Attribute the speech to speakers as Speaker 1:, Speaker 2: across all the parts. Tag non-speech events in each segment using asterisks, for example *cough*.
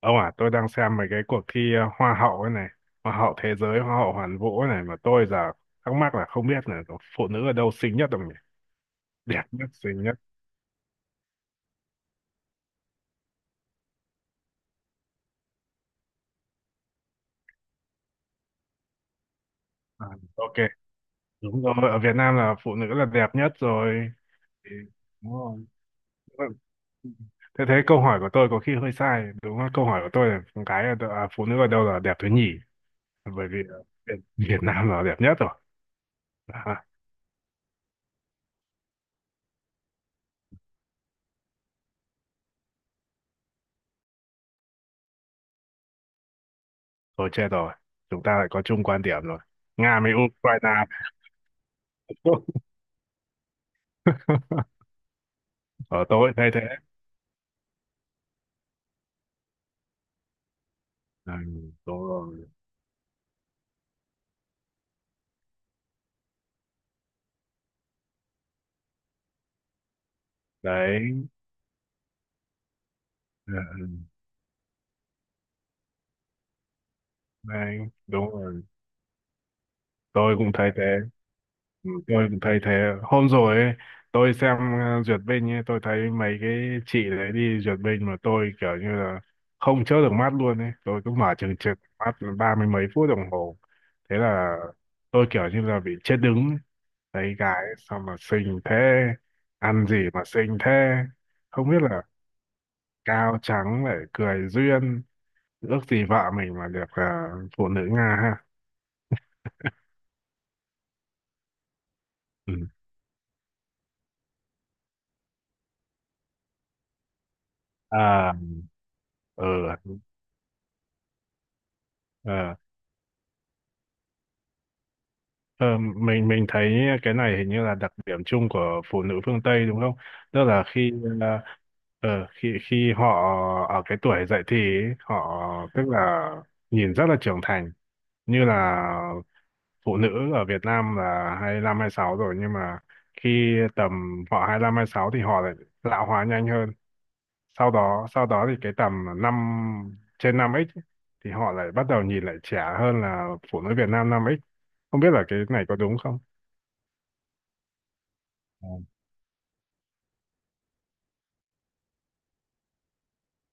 Speaker 1: Ông à, tôi đang xem mấy cái cuộc thi hoa hậu ấy này, hoa hậu thế giới, hoa hậu hoàn vũ ấy này mà tôi giờ thắc mắc là không biết là phụ nữ ở đâu xinh nhất không nhỉ? Đẹp nhất, xinh nhất. À, ok, đúng rồi, ở Việt Nam là phụ nữ là đẹp nhất rồi. Thì- Đúng rồi. Thế thế câu hỏi của tôi có khi hơi sai, đúng không? Câu hỏi của tôi là con gái ở đâu- à, phụ nữ ở đâu là đẹp thứ nhì, bởi vì Việt Nam là đẹp nhất rồi. À, thôi chết rồi, chúng ta lại có chung quan điểm rồi. Nga với Ukraine. *laughs* Ở tôi thay thế. Ừ, đúng rồi đấy. Ừ, ừ, đấy đúng rồi, tôi cũng thay thế. Ừ, tôi cũng thay thế hôm rồi ấy, tôi xem duyệt binh ấy, tôi thấy mấy cái chị đấy đi duyệt binh mà tôi kiểu như là không chớp được mắt luôn ấy, tôi cứ mở chừng chừng mắt 30 mấy phút đồng hồ. Thế là tôi kiểu như là bị chết đứng, thấy gái sao mà xinh thế, ăn gì mà xinh thế, không biết là cao trắng lại cười duyên. Ước gì vợ mình mà được phụ nữ Nga ha. Ừ. À. Ờ. ờ, ờ, mình thấy cái này hình như là đặc điểm chung của phụ nữ phương Tây đúng không, tức là khi à, ờ, khi khi họ ở cái tuổi dậy thì ấy, họ tức là nhìn rất là trưởng thành, như là phụ nữ ở Việt Nam là 25 sáu rồi nhưng mà khi tầm họ 25 sáu thì họ lại lão hóa nhanh hơn, sau đó thì cái tầm năm trên năm x ấy, thì họ lại bắt đầu nhìn lại trẻ hơn là phụ nữ Việt Nam năm x. Không biết là cái này có đúng không. Ờ,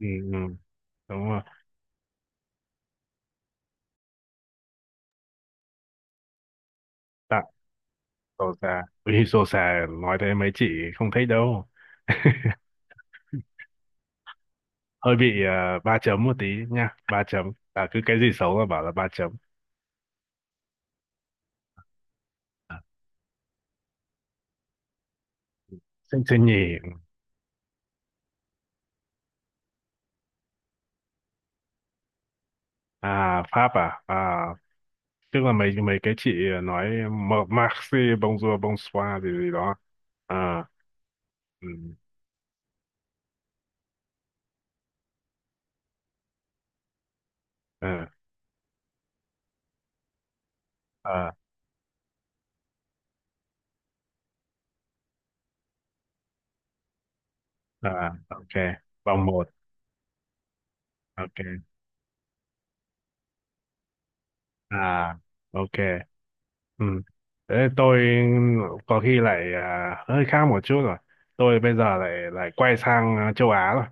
Speaker 1: ừ, ừ, đúng rồi. Tại sổ xà. Ui, sổ xà nói thế mấy chị không thích đâu, hơi bị ba chấm một tí nha. Ba chấm cứ cái gì xấu là bảo là ba chấm. À, Sinh sinh nhỉ. À, Pháp à, tức là mấy mấy cái chị nói Marxi bonjour bonsoir gì gì đó. À. Ừ, ừ. À, ok. Vòng một. Ok. À, ok. Ừ. Thế tôi có khi lại hơi khác một chút rồi. Tôi bây giờ lại lại quay sang châu Á rồi,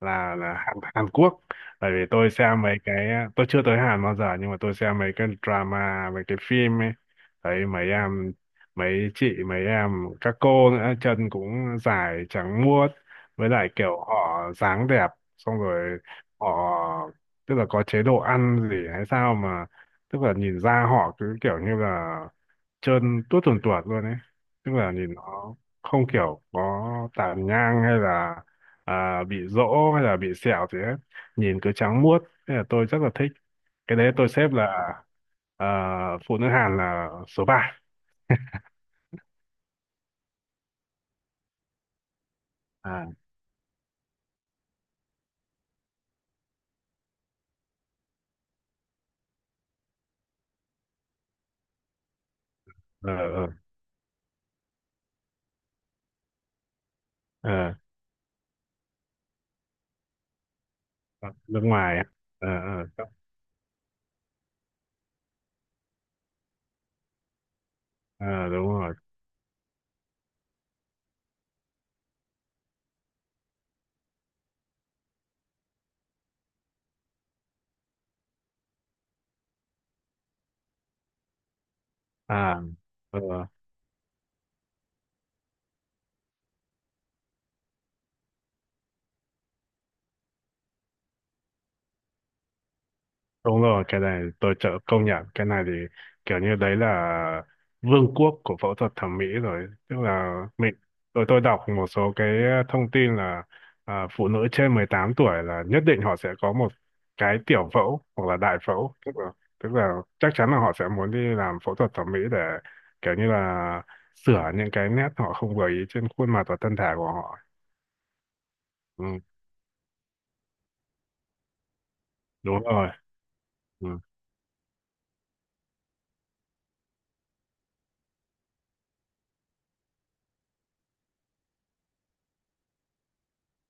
Speaker 1: là Hàn Quốc. Bởi vì tôi xem mấy cái Tôi chưa tới Hàn bao giờ nhưng mà tôi xem mấy cái drama, mấy cái phim ấy. Thấy mấy em mấy chị mấy em các cô nữa, chân cũng dài trắng muốt, với lại kiểu họ dáng đẹp. Xong rồi họ tức là có chế độ ăn gì hay sao mà, tức là nhìn ra họ cứ kiểu như là trơn tuốt tuồn tuột luôn ấy, tức là nhìn nó không kiểu có tàn nhang hay là bị rỗ hay là bị sẹo gì hết, nhìn cứ trắng muốt, nên là tôi rất là thích. Cái đấy tôi xếp là à, phụ nữ Hàn là số ba. À. ờ ờ ờ, nước ngoài. ờ ờ ờ, đúng rồi. À. Ờ. Đúng rồi, cái này tôi chợ công nhận, cái này thì kiểu như đấy là vương quốc của phẫu thuật thẩm mỹ rồi, tức là mình, tôi đọc một số cái thông tin là phụ nữ trên 18 tuổi là nhất định họ sẽ có một cái tiểu phẫu hoặc là đại phẫu, tức là, tức là chắc chắn là họ sẽ muốn đi làm phẫu thuật thẩm mỹ để kiểu như là sửa những cái nét họ không vừa ý trên khuôn mặt và thân thể của họ. Ừ, đúng rồi. Ừ.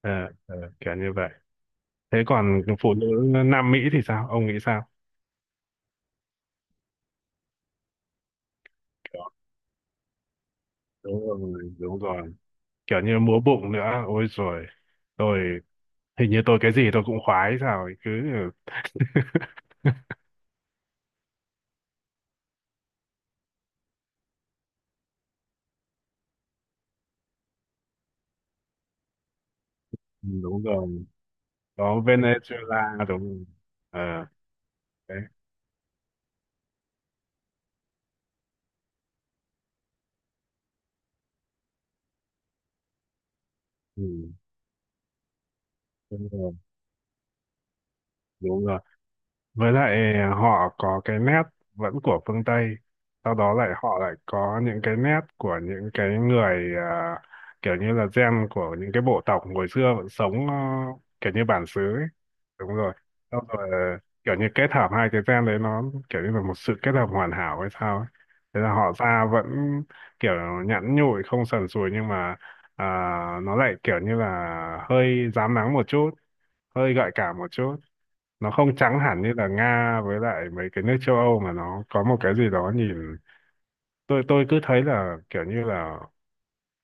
Speaker 1: ờ, kiểu như vậy. Thế còn phụ nữ Nam Mỹ thì sao, ông nghĩ sao? Đó, đúng rồi, đúng rồi, kiểu như múa bụng nữa, ôi rồi, tôi hình như cái gì tôi cũng khoái sao ấy, cứ *laughs* Ừ, đúng rồi. Có Venezuela đúng rồi. Ờ. Đấy. Ừ, đúng rồi, đúng rồi, với lại họ có cái nét vẫn của phương Tây, sau đó lại họ lại có những cái nét của những cái người kiểu như là gen của những cái bộ tộc hồi xưa vẫn sống kiểu như bản xứ ấy. Đúng rồi. Sau rồi kiểu như kết hợp hai cái gen đấy, nó kiểu như là một sự kết hợp hoàn hảo hay sao ấy. Thế là họ da vẫn kiểu nhẵn nhụi không sần sùi nhưng mà à, nó lại kiểu như là hơi rám nắng một chút, hơi gợi cảm một chút, nó không trắng hẳn như là Nga với lại mấy cái nước châu Âu mà nó có một cái gì đó nhìn, tôi cứ thấy là kiểu như là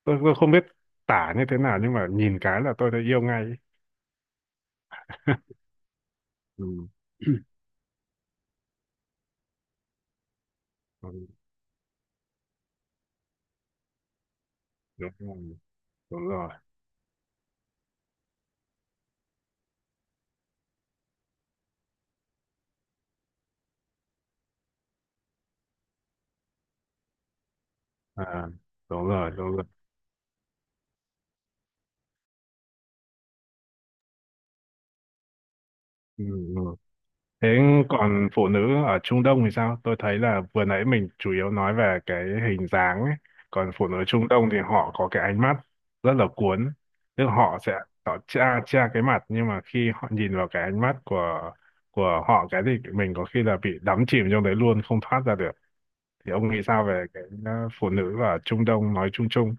Speaker 1: tôi không biết tả như thế nào nhưng mà nhìn cái là tôi đã yêu ngay ấy. Ừ. *clears throat* Ừ, đúng rồi, đúng rồi. À, đúng rồi, đúng rồi. Ừ. Ừ. Thế còn phụ nữ ở Trung Đông thì sao? Tôi thấy là vừa nãy mình chủ yếu nói về cái hình dáng ấy. Còn phụ nữ Trung Đông thì họ có cái ánh mắt rất là cuốn. Tức là họ sẽ, họ tra tra cái mặt nhưng mà khi họ nhìn vào cái ánh mắt của họ cái thì mình có khi là bị đắm chìm trong đấy luôn không thoát ra được. Thì ông nghĩ sao về cái phụ nữ ở Trung Đông nói chung chung?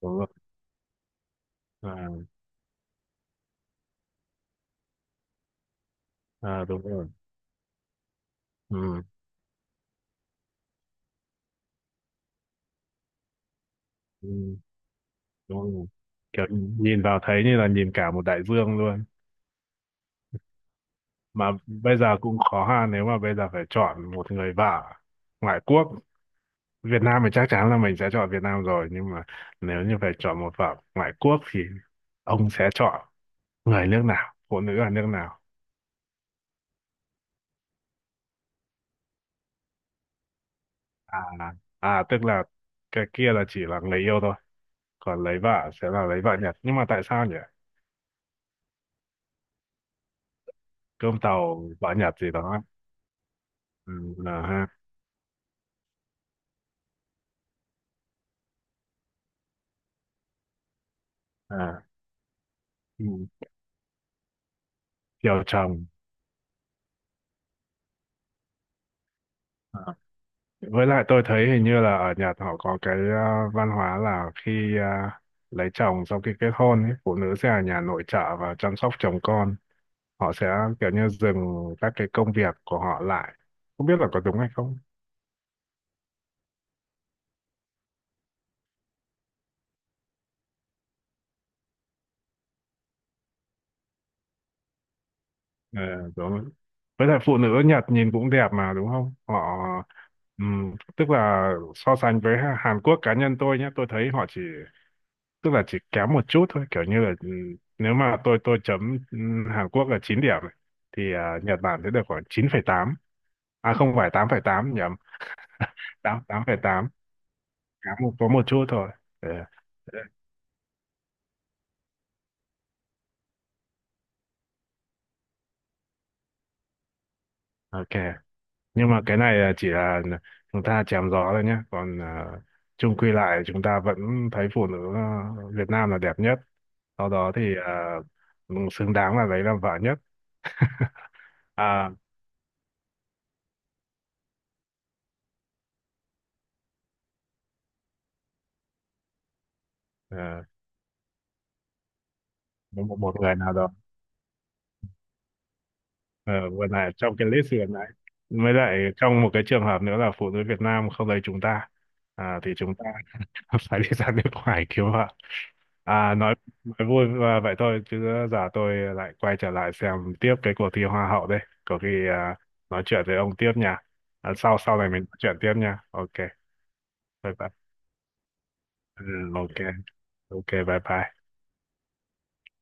Speaker 1: Đúng rồi. À. Đúng rồi. Ừ. Ừ. Đúng rồi. Kiểu nhìn vào thấy như là nhìn cả một đại dương luôn. Mà bây giờ cũng khó ha, nếu mà bây giờ phải chọn một người vợ ngoại quốc. Việt Nam thì chắc chắn là mình sẽ chọn Việt Nam rồi nhưng mà nếu như phải chọn một vợ ngoại quốc thì ông sẽ chọn người nước nào, phụ nữ ở nước nào? À. À, tức là cái kia là chỉ là người yêu thôi, còn lấy vợ sẽ là lấy vợ Nhật, nhưng mà tại sao nhỉ? Cơm tàu vợ Nhật gì đó. Ừ, là ha. À. Ừ. Chiều chồng. À. Với lại tôi thấy hình như là ở Nhật họ có cái văn hóa là khi lấy chồng sau khi kết hôn ấy, phụ nữ sẽ ở nhà nội trợ và chăm sóc chồng con. Họ sẽ kiểu như dừng các cái công việc của họ lại. Không biết là có đúng hay không? Ờ, đúng rồi. Với lại phụ nữ Nhật nhìn cũng đẹp mà đúng không? Họ tức là so sánh với Hàn Quốc cá nhân tôi nhé, tôi thấy họ chỉ, tức là chỉ kém một chút thôi, kiểu như là ừ, nếu mà tôi chấm ừ, Hàn Quốc là 9 điểm này, thì Nhật Bản sẽ được khoảng 9,8, à không phải 8,8, nhầm. Tám 8,8, kém một có một chút thôi. Ờ, ok. Nhưng mà cái này là chỉ là chúng ta chém gió thôi nhé, còn chung quy lại chúng ta vẫn thấy phụ nữ Việt Nam là đẹp nhất, sau đó thì xứng đáng là lấy làm vợ nhất. *laughs* À. À, một người nào đó. Ờ, vừa lại trong cái lễ sửa lại, mới lại trong một cái trường hợp nữa là phụ nữ Việt Nam không lấy chúng ta, thì chúng ta *laughs* phải đi ra nước ngoài cứu họ. À, nói vui và vậy thôi chứ giờ tôi lại quay trở lại xem tiếp cái cuộc thi hoa hậu đây, có khi nói chuyện với ông tiếp nha. À, sau sau này mình nói chuyện tiếp nha. Ok, bye bye. Ừ. Ok. Ok, bye bye.